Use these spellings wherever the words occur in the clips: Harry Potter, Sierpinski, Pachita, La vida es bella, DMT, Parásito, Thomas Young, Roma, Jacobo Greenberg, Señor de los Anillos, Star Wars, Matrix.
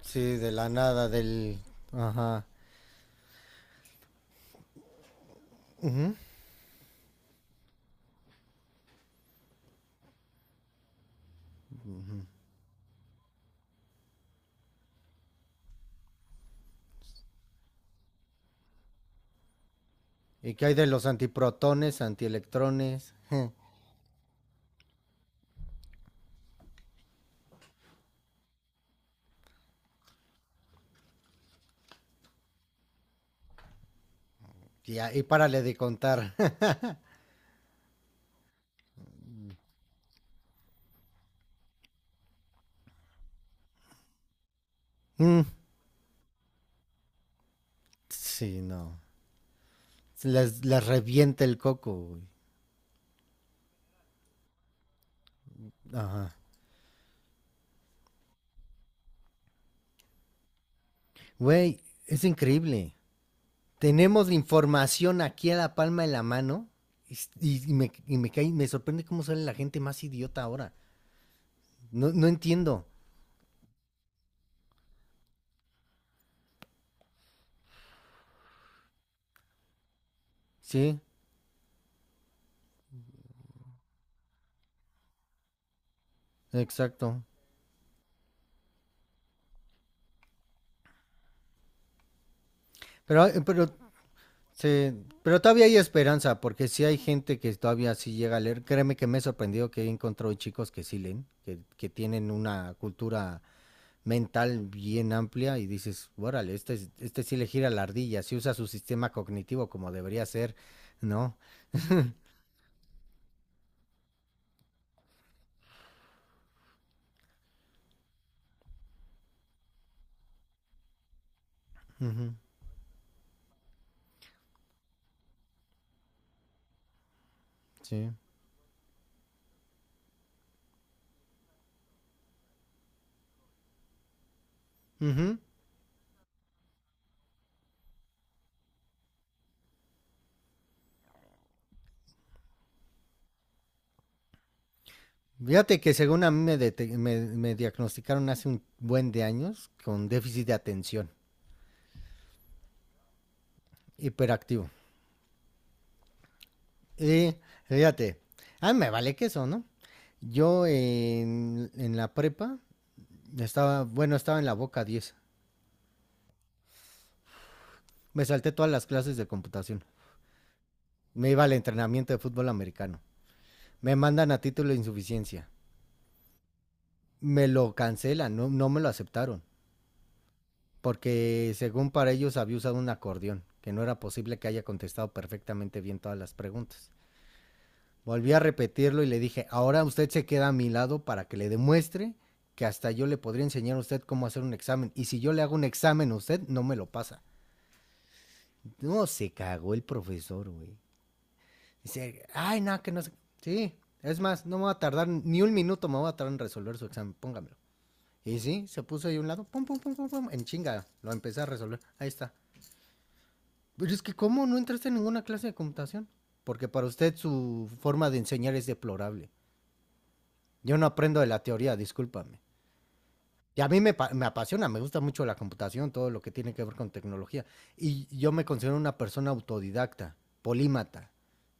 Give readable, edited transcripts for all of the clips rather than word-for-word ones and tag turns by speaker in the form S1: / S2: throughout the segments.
S1: Sí, de la nada, Ajá. ¿Y qué hay de los antiprotones, antielectrones? Y ahí párale de contar. Mm, sí, no. Les revienta el coco, güey. Ajá. Güey, es increíble. Tenemos la información aquí a la palma de la mano me sorprende cómo sale la gente más idiota ahora. No, no entiendo. Sí, exacto. Pero, sí, pero todavía hay esperanza, porque sí hay gente que todavía sí llega a leer. Créeme que me he sorprendido que he encontrado chicos que sí leen, que tienen una cultura mental bien amplia y dices, órale, este sí le gira la ardilla, sí usa su sistema cognitivo como debería ser, ¿no? Ujú, sí. Ujú. Fíjate que según a mí me, dete- me me diagnosticaron hace un buen de años con déficit de atención, hiperactivo. Sí, fíjate. A mí me vale queso, ¿no? Yo en la prepa estaba, bueno, estaba en la Boca diez. Me salté todas las clases de computación. Me iba al entrenamiento de fútbol americano. Me mandan a título de insuficiencia. Me lo cancelan, no, no me lo aceptaron. Porque según para ellos había usado un acordeón, que no era posible que haya contestado perfectamente bien todas las preguntas. Volví a repetirlo y le dije, ahora usted se queda a mi lado para que le demuestre que hasta yo le podría enseñar a usted cómo hacer un examen. Y si yo le hago un examen a usted, no me lo pasa. No, se cagó el profesor, güey. Dice, ay, no, que no sé. Sí, es más, no me va a tardar ni un minuto, me va a tardar en resolver su examen, póngamelo. Y sí, se puso ahí a un lado, pum, pum, pum, pum, pum, en chinga, lo empecé a resolver. Ahí está. Pero es que, ¿cómo no entraste en ninguna clase de computación? Porque para usted su forma de enseñar es deplorable. Yo no aprendo de la teoría, discúlpame. Y a mí me apasiona, me gusta mucho la computación, todo lo que tiene que ver con tecnología. Y yo me considero una persona autodidacta, polímata,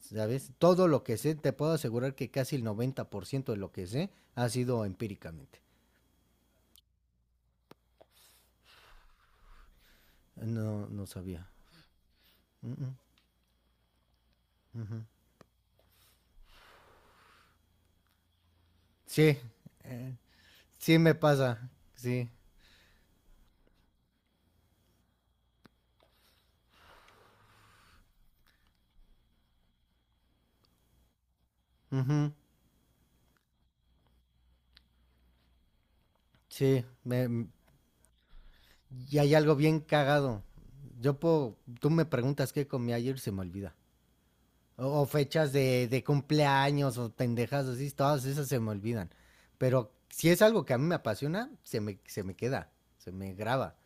S1: ¿sabes? Todo lo que sé, te puedo asegurar que casi el 90% de lo que sé ha sido empíricamente. No, no sabía. Mm, mm, ujú. Sí, eh, sí me pasa, sí. Ujú, sí, y hay algo bien cagado. Yo puedo, tú me preguntas qué comí ayer y se me olvida. O fechas de cumpleaños o pendejas así, todas esas se me olvidan. Pero si es algo que a mí me apasiona, se me queda, se me graba.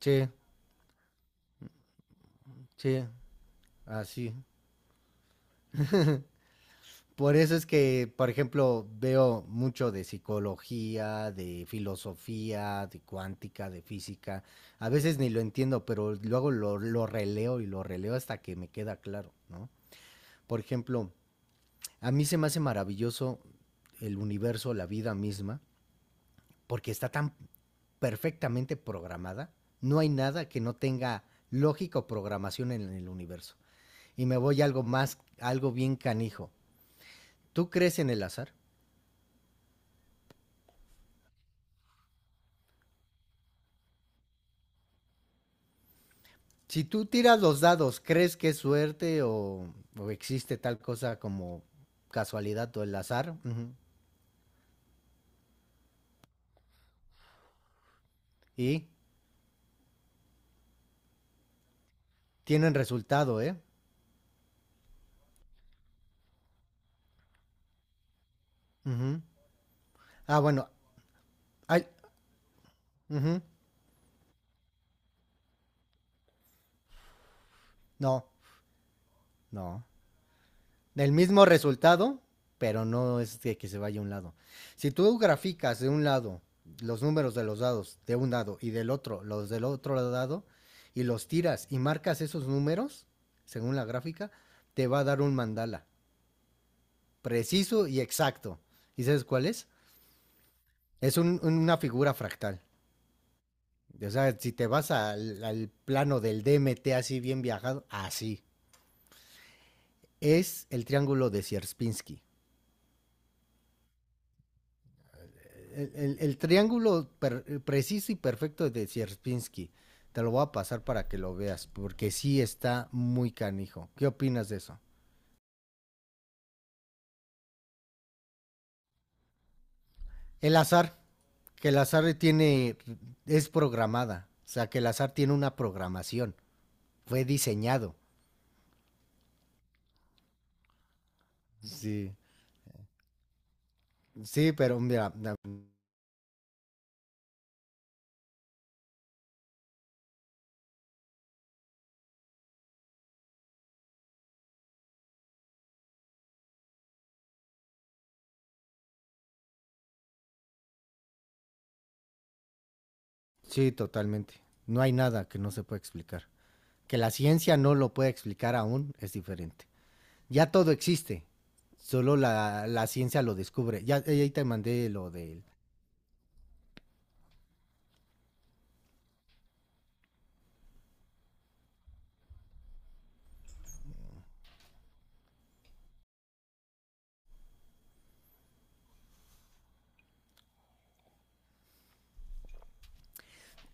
S1: Sí, sí, así. Por eso es que, por ejemplo, veo mucho de psicología, de filosofía, de cuántica, de física. A veces ni lo entiendo, pero luego lo releo y lo releo hasta que me queda claro, ¿no? Por ejemplo, a mí se me hace maravilloso el universo, la vida misma, porque está tan perfectamente programada, no hay nada que no tenga lógica o programación en el universo. Y me voy a algo más, algo bien canijo. ¿Tú crees en el azar? Si tú tiras los dados, ¿crees que es suerte o existe tal cosa como casualidad o el azar? Ujú. Y tienen resultado, ¿eh? Ujú. Ah, bueno, hay- ujú. No, no. El mismo resultado, pero no es que se vaya a un lado. Si tú graficas de un lado los números de los dados de un lado y del otro los del otro lado y los tiras y marcas esos números, según la gráfica, te va a dar un mandala preciso y exacto. ¿Y sabes cuál es? Es una figura fractal. O sea, si te vas al plano del DMT así bien viajado, así. Es el triángulo de Sierpinski. El triángulo preciso y perfecto de Sierpinski. Te lo voy a pasar para que lo veas, porque sí está muy canijo. ¿Qué opinas de eso? El azar, que el azar tiene, es programada, o sea, que el azar tiene una programación, fue diseñado. Sí, sí, pero mira, sí, totalmente. No hay nada que no se pueda explicar. Que la ciencia no lo pueda explicar aún es diferente. Ya todo existe. Solo la ciencia lo descubre. Ya ahí te mandé lo de...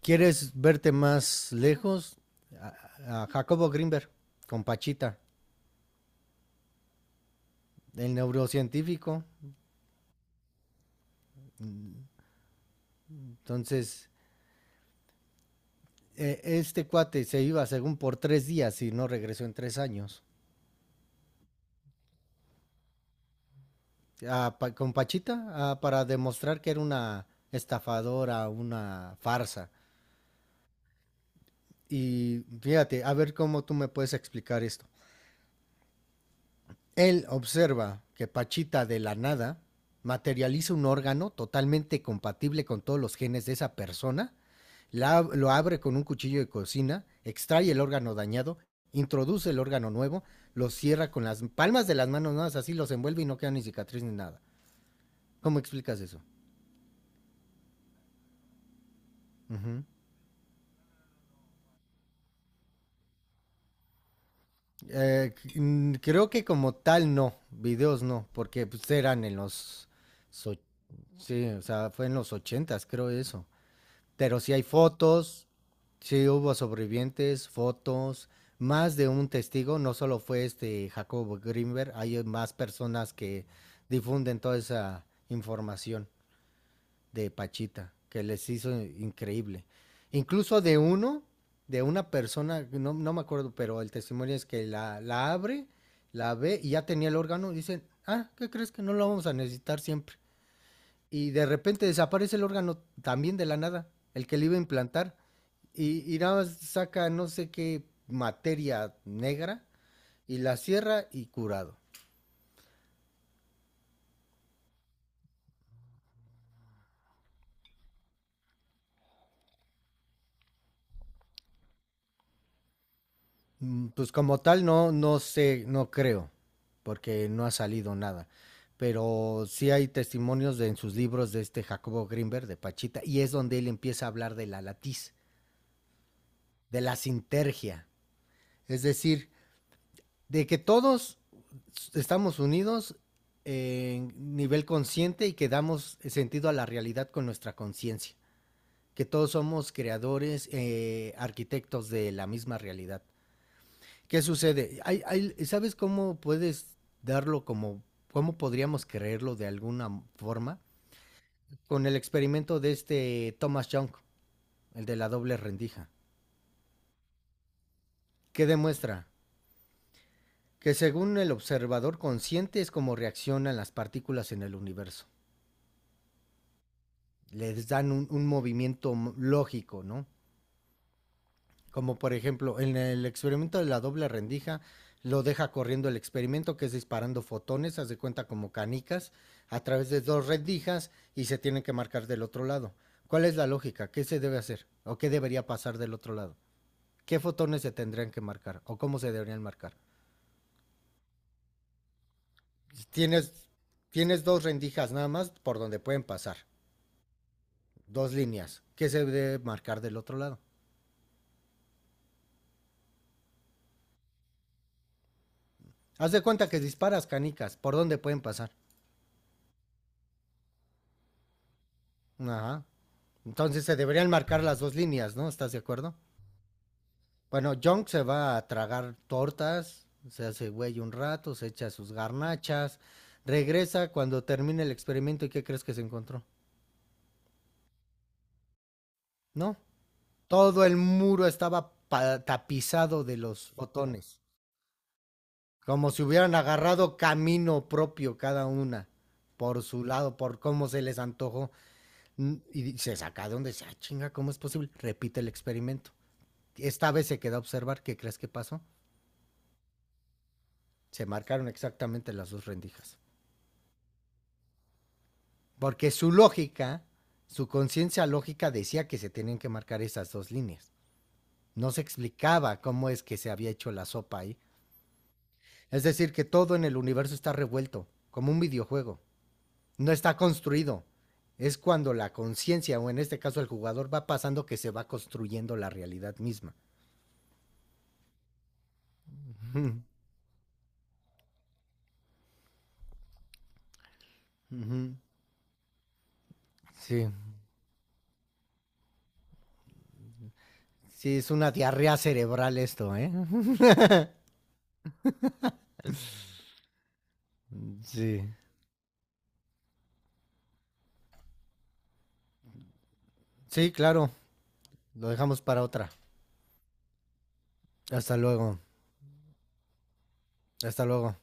S1: ¿Quieres verte más lejos? A Jacobo Greenberg, con Pachita, el neurocientífico. Entonces, este cuate se iba según por 3 días y no regresó en 3 años. Con Pachita para demostrar que era una estafadora, una farsa. Y fíjate, a ver cómo tú me puedes explicar esto. Él observa que Pachita de la nada materializa un órgano totalmente compatible con todos los genes de esa persona, lo abre con un cuchillo de cocina, extrae el órgano dañado, introduce el órgano nuevo, lo cierra con las palmas de las manos, nada más así los envuelve y no queda ni cicatriz ni nada. ¿Cómo explicas eso? Ujú. Eh, creo que como tal no, videos no, porque pues, eran en los... so- sí, o sea, fue en los ochentas, creo eso. Pero si hay fotos, si hubo sobrevivientes, fotos, más de un testigo, no solo fue este Jacobo Greenberg, hay más personas que difunden toda esa información de Pachita, que les hizo increíble. Incluso de uno, de una persona, no, no me acuerdo, pero el testimonio es que la abre, la ve y ya tenía el órgano, dicen, ah, ¿qué crees que no lo vamos a necesitar siempre? Y de repente desaparece el órgano también de la nada, el que le iba a implantar, y nada más saca no sé qué materia negra y la cierra y curado. Mm. Pues como tal no, no sé, no creo, porque no ha salido nada. Pero sí hay testimonios en sus libros de este Jacobo Greenberg, de Pachita, y es donde él empieza a hablar de la latiz, de la sintergia. Es decir, de que todos estamos unidos en nivel consciente y que damos sentido a la realidad con nuestra conciencia, que todos somos creadores, arquitectos de la misma realidad. ¿Qué sucede? ¿Sabes cómo puedes darlo como, cómo podríamos creerlo de alguna forma? Con el experimento de este Thomas Young, el de la doble rendija. ¿Qué demuestra? Que según el observador consciente es como reaccionan las partículas en el universo. Les dan un movimiento lógico, ¿no? Como por ejemplo, en el experimento de la doble rendija, lo deja corriendo el experimento, que es disparando fotones, haz de cuenta como canicas, a través de dos rendijas y se tienen que marcar del otro lado. ¿Cuál es la lógica? ¿Qué se debe hacer? ¿O qué debería pasar del otro lado? ¿Qué fotones se tendrían que marcar? ¿O cómo se deberían marcar? Tienes, tienes dos rendijas nada más por donde pueden pasar, dos líneas. ¿Qué se debe marcar del otro lado? Haz de cuenta que disparas canicas, ¿por dónde pueden pasar? Ajá. Entonces se deberían marcar las dos líneas, ¿no? ¿Estás de acuerdo? Bueno, Junk se va a tragar tortas, se hace güey un rato, se echa sus garnachas, regresa cuando termine el experimento y ¿qué crees que se encontró? No, todo el muro estaba tapizado de los fotones, como si hubieran agarrado camino propio cada una, por su lado, por cómo se les antojó. Mm. Y se saca de donde dice, ah, chinga, ¿cómo es posible? Repite el experimento. Esta vez se queda a observar, ¿qué crees que pasó? Se marcaron exactamente las dos rendijas. Porque su lógica, su conciencia lógica decía que se tenían que marcar esas dos líneas. No se explicaba cómo es que se había hecho la sopa ahí. Es decir, que todo en el universo está revuelto, como un videojuego. No está construido. Es cuando la conciencia, o en este caso el jugador, va pasando que se va construyendo la realidad misma. Ujú. Sí. Sí, es una diarrea cerebral esto, ¿eh? Sí. Sí, claro. Lo dejamos para otra. Hasta luego. Hasta luego.